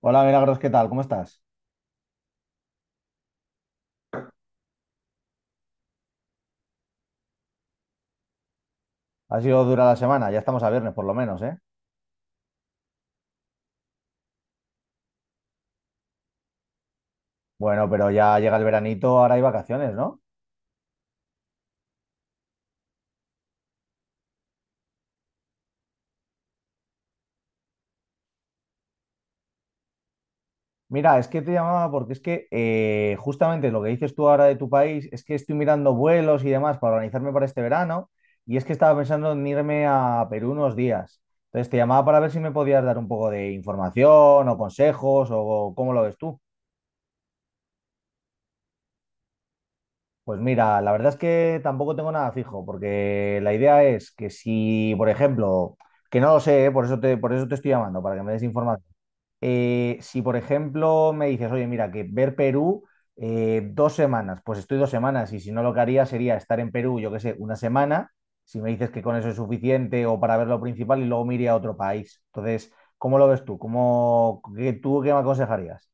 Hola Milagros, ¿qué tal? ¿Cómo estás? Ha sido dura la semana, ya estamos a viernes por lo menos, ¿eh? Bueno, pero ya llega el veranito, ahora hay vacaciones, ¿no? Mira, es que te llamaba porque es que justamente lo que dices tú ahora de tu país es que estoy mirando vuelos y demás para organizarme para este verano y es que estaba pensando en irme a Perú unos días. Entonces te llamaba para ver si me podías dar un poco de información o consejos o cómo lo ves tú. Pues mira, la verdad es que tampoco tengo nada fijo, porque la idea es que si, por ejemplo, que no lo sé, ¿eh? Por eso te estoy llamando, para que me des información. Si, por ejemplo, me dices, oye, mira, que ver Perú 2 semanas, pues estoy 2 semanas, y si no lo que haría sería estar en Perú, yo qué sé, una semana, si me dices que con eso es suficiente o para ver lo principal y luego me iría a otro país. Entonces, ¿cómo lo ves tú? ¿ tú qué me aconsejarías?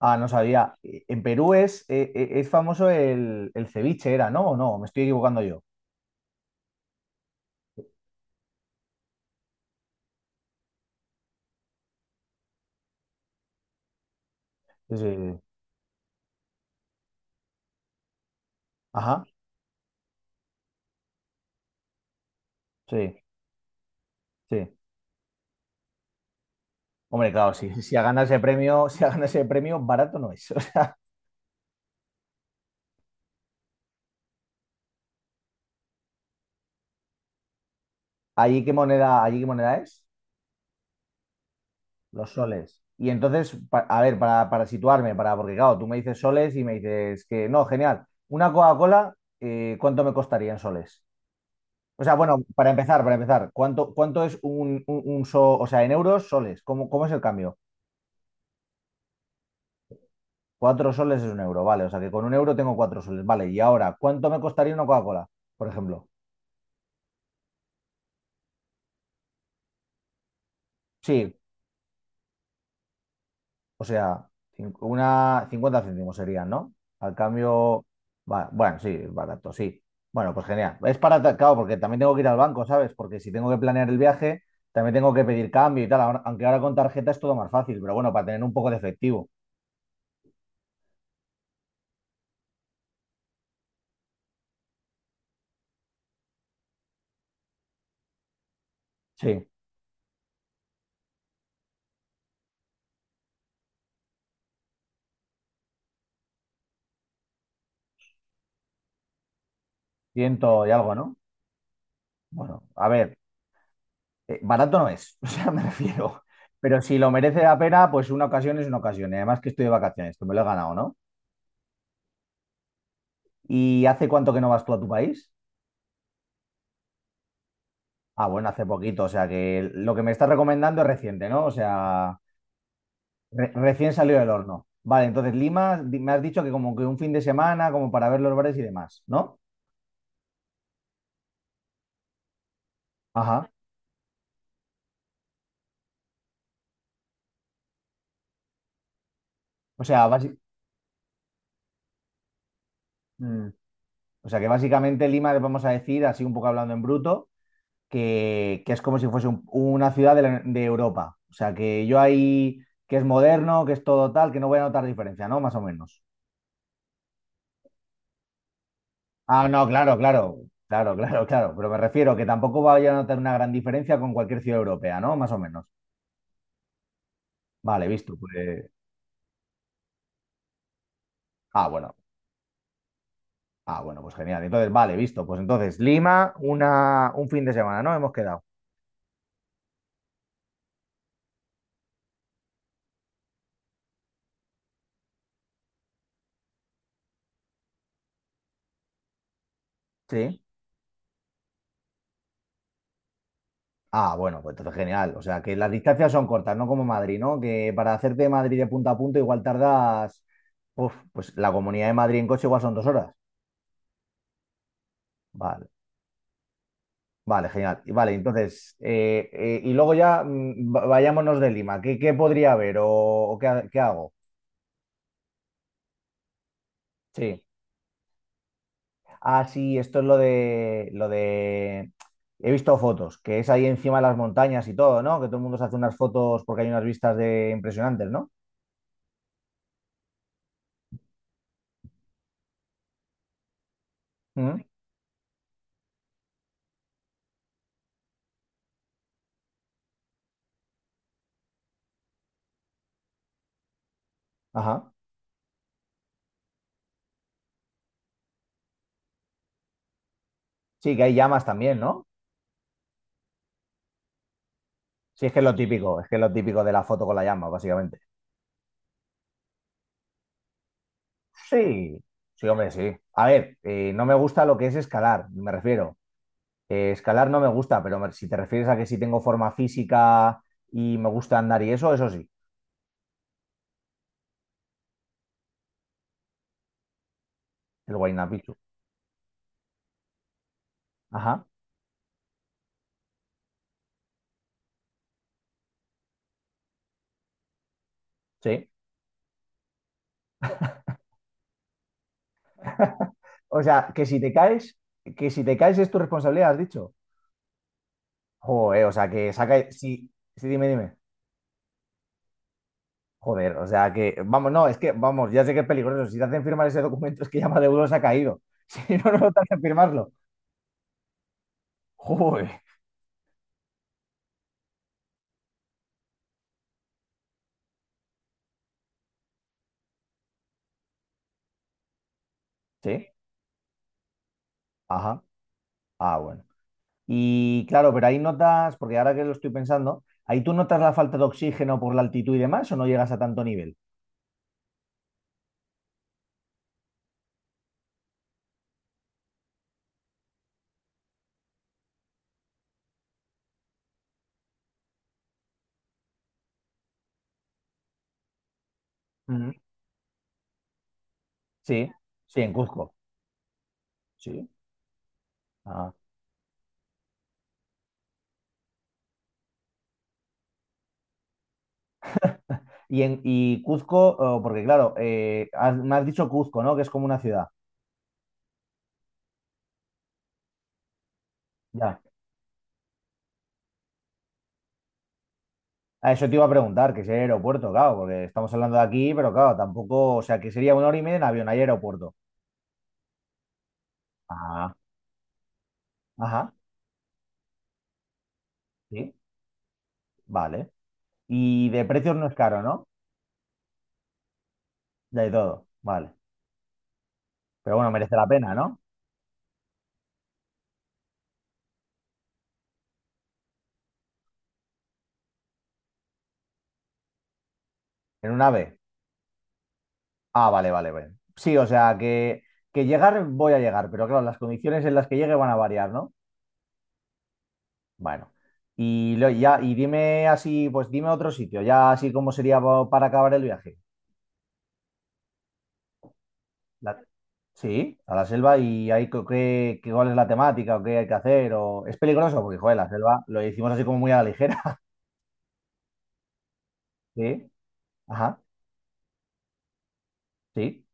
Ah, no sabía. En Perú es famoso el ceviche, ¿era, no? ¿O no? Me estoy equivocando yo. Sí, sí, sí. Ajá, sí, sí. Hombre, claro, si ha ganado ese premio, si ha ganado ese premio, barato no es. O sea, ¿allí qué moneda es? Los soles. Y entonces, a ver, para situarme, porque claro, tú me dices soles y me dices que no, genial. Una Coca-Cola, ¿cuánto me costaría en soles? O sea, bueno, para empezar, ¿cuánto es o sea, en euros, soles? ¿Cómo es el cambio? 4 soles es 1 euro, vale. O sea que con 1 euro tengo 4 soles, vale. Y ahora, ¿cuánto me costaría una Coca-Cola, por ejemplo? Sí, o sea, una 50 céntimos serían, ¿no? Al cambio, bueno, sí, barato, sí. Bueno, pues genial. Es para, claro, porque también tengo que ir al banco, ¿sabes? Porque si tengo que planear el viaje, también tengo que pedir cambio y tal. Aunque ahora con tarjeta es todo más fácil, pero bueno, para tener un poco de efectivo. Sí, ciento y algo, ¿no? Bueno, a ver, barato no es, o sea, me refiero. Pero si lo merece la pena, pues una ocasión es una ocasión. Y además que estoy de vacaciones, que me lo he ganado, ¿no? ¿Y hace cuánto que no vas tú a tu país? Ah, bueno, hace poquito, o sea que lo que me estás recomendando es reciente, ¿no? O sea, recién salió del horno. Vale, entonces Lima, me has dicho que como que un fin de semana, como para ver los bares y demás, ¿no? Ajá. O sea, mm. O sea que básicamente Lima, vamos a decir, así un poco hablando en bruto, que es como si fuese una ciudad de, de Europa. O sea, que yo ahí, que es moderno, que es todo tal, que no voy a notar diferencia, ¿no? Más o menos. Ah, no, claro, claro, claro, claro, claro. Pero me refiero que tampoco vaya a notar una gran diferencia con cualquier ciudad europea, ¿no? Más o menos. Vale, visto. Pues. Ah, bueno. Ah, bueno, pues genial. Entonces, vale, visto. Pues entonces, Lima, un fin de semana, ¿no? Hemos quedado. Sí. Ah, bueno, pues entonces genial. O sea, que las distancias son cortas, no como Madrid, ¿no? Que para hacerte de Madrid de punta a punta igual tardas, uf, pues la Comunidad de Madrid en coche igual son 2 horas. Vale, vale, genial. Y vale, entonces, y luego ya vayámonos de Lima. ¿Qué podría haber o qué hago? Sí. Ah, sí, esto es He visto fotos, que es ahí encima de las montañas y todo, ¿no? Que todo el mundo se hace unas fotos porque hay unas vistas de impresionantes, ¿no? Mm. Ajá. Sí, que hay llamas también, ¿no? Sí, es que es lo típico de la foto con la llama, básicamente. Sí, sí, hombre, sí. A ver, no me gusta lo que es escalar, me refiero. Escalar no me gusta, pero si te refieres a que si tengo forma física y me gusta andar y eso sí, el Huayna Picchu. Ajá, sí. O sea, que si te caes es tu responsabilidad, has dicho. Joder, o sea, que saca. Sí, sí, dime, dime. Joder, o sea que, vamos, no, es que, vamos, ya sé que es peligroso. Si te hacen firmar ese documento es que ya Maduro se ha caído. Si no, no te hacen firmarlo. Joder. Sí, ajá. Ah, bueno. Y claro, pero ahí notas, porque ahora que lo estoy pensando, ahí tú notas la falta de oxígeno por la altitud y demás, o no llegas a tanto nivel. Ujú. Sí, sí, en Cuzco. Sí. Ah. Y Cuzco, oh, porque claro, me has dicho Cuzco, ¿no? Que es como una ciudad. Ya. A eso te iba a preguntar, que si hay aeropuerto, claro, porque estamos hablando de aquí, pero claro, tampoco, o sea, que sería 1 hora y media en avión, hay aeropuerto. Ah, ajá, sí, vale. Y de precios no es caro, ¿no? De todo, vale. Pero bueno, merece la pena, ¿no? En un ave. Ah, vale, vale, vale. Sí, o sea, que llegar voy a llegar, pero claro, las condiciones en las que llegue van a variar, ¿no? Bueno. Y ya, y dime así, pues dime otro sitio, ya así como sería para acabar el viaje. La- Sí, a la selva y hay cuál es la temática o qué hay que hacer o es peligroso porque joder, la selva lo hicimos así como muy a la ligera. Sí, ajá, sí,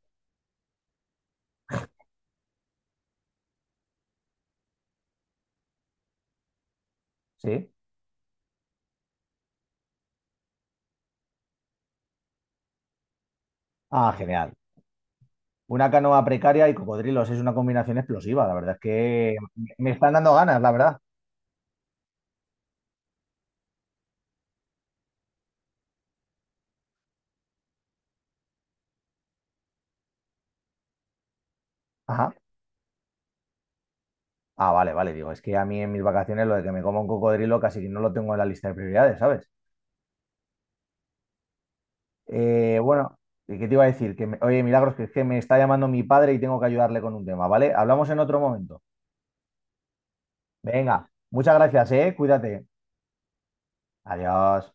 sí. Ah, genial. Una canoa precaria y cocodrilos es una combinación explosiva, la verdad es que me están dando ganas, la verdad. Ajá. Ah, vale, vale, digo, es que a mí en mis vacaciones lo de que me coma un cocodrilo casi que no lo tengo en la lista de prioridades, ¿sabes? Bueno, ¿qué te iba a decir? Que Oye, Milagros, que es que me está llamando mi padre y tengo que ayudarle con un tema, ¿vale? Hablamos en otro momento. Venga, muchas gracias, ¿eh? Cuídate. Adiós.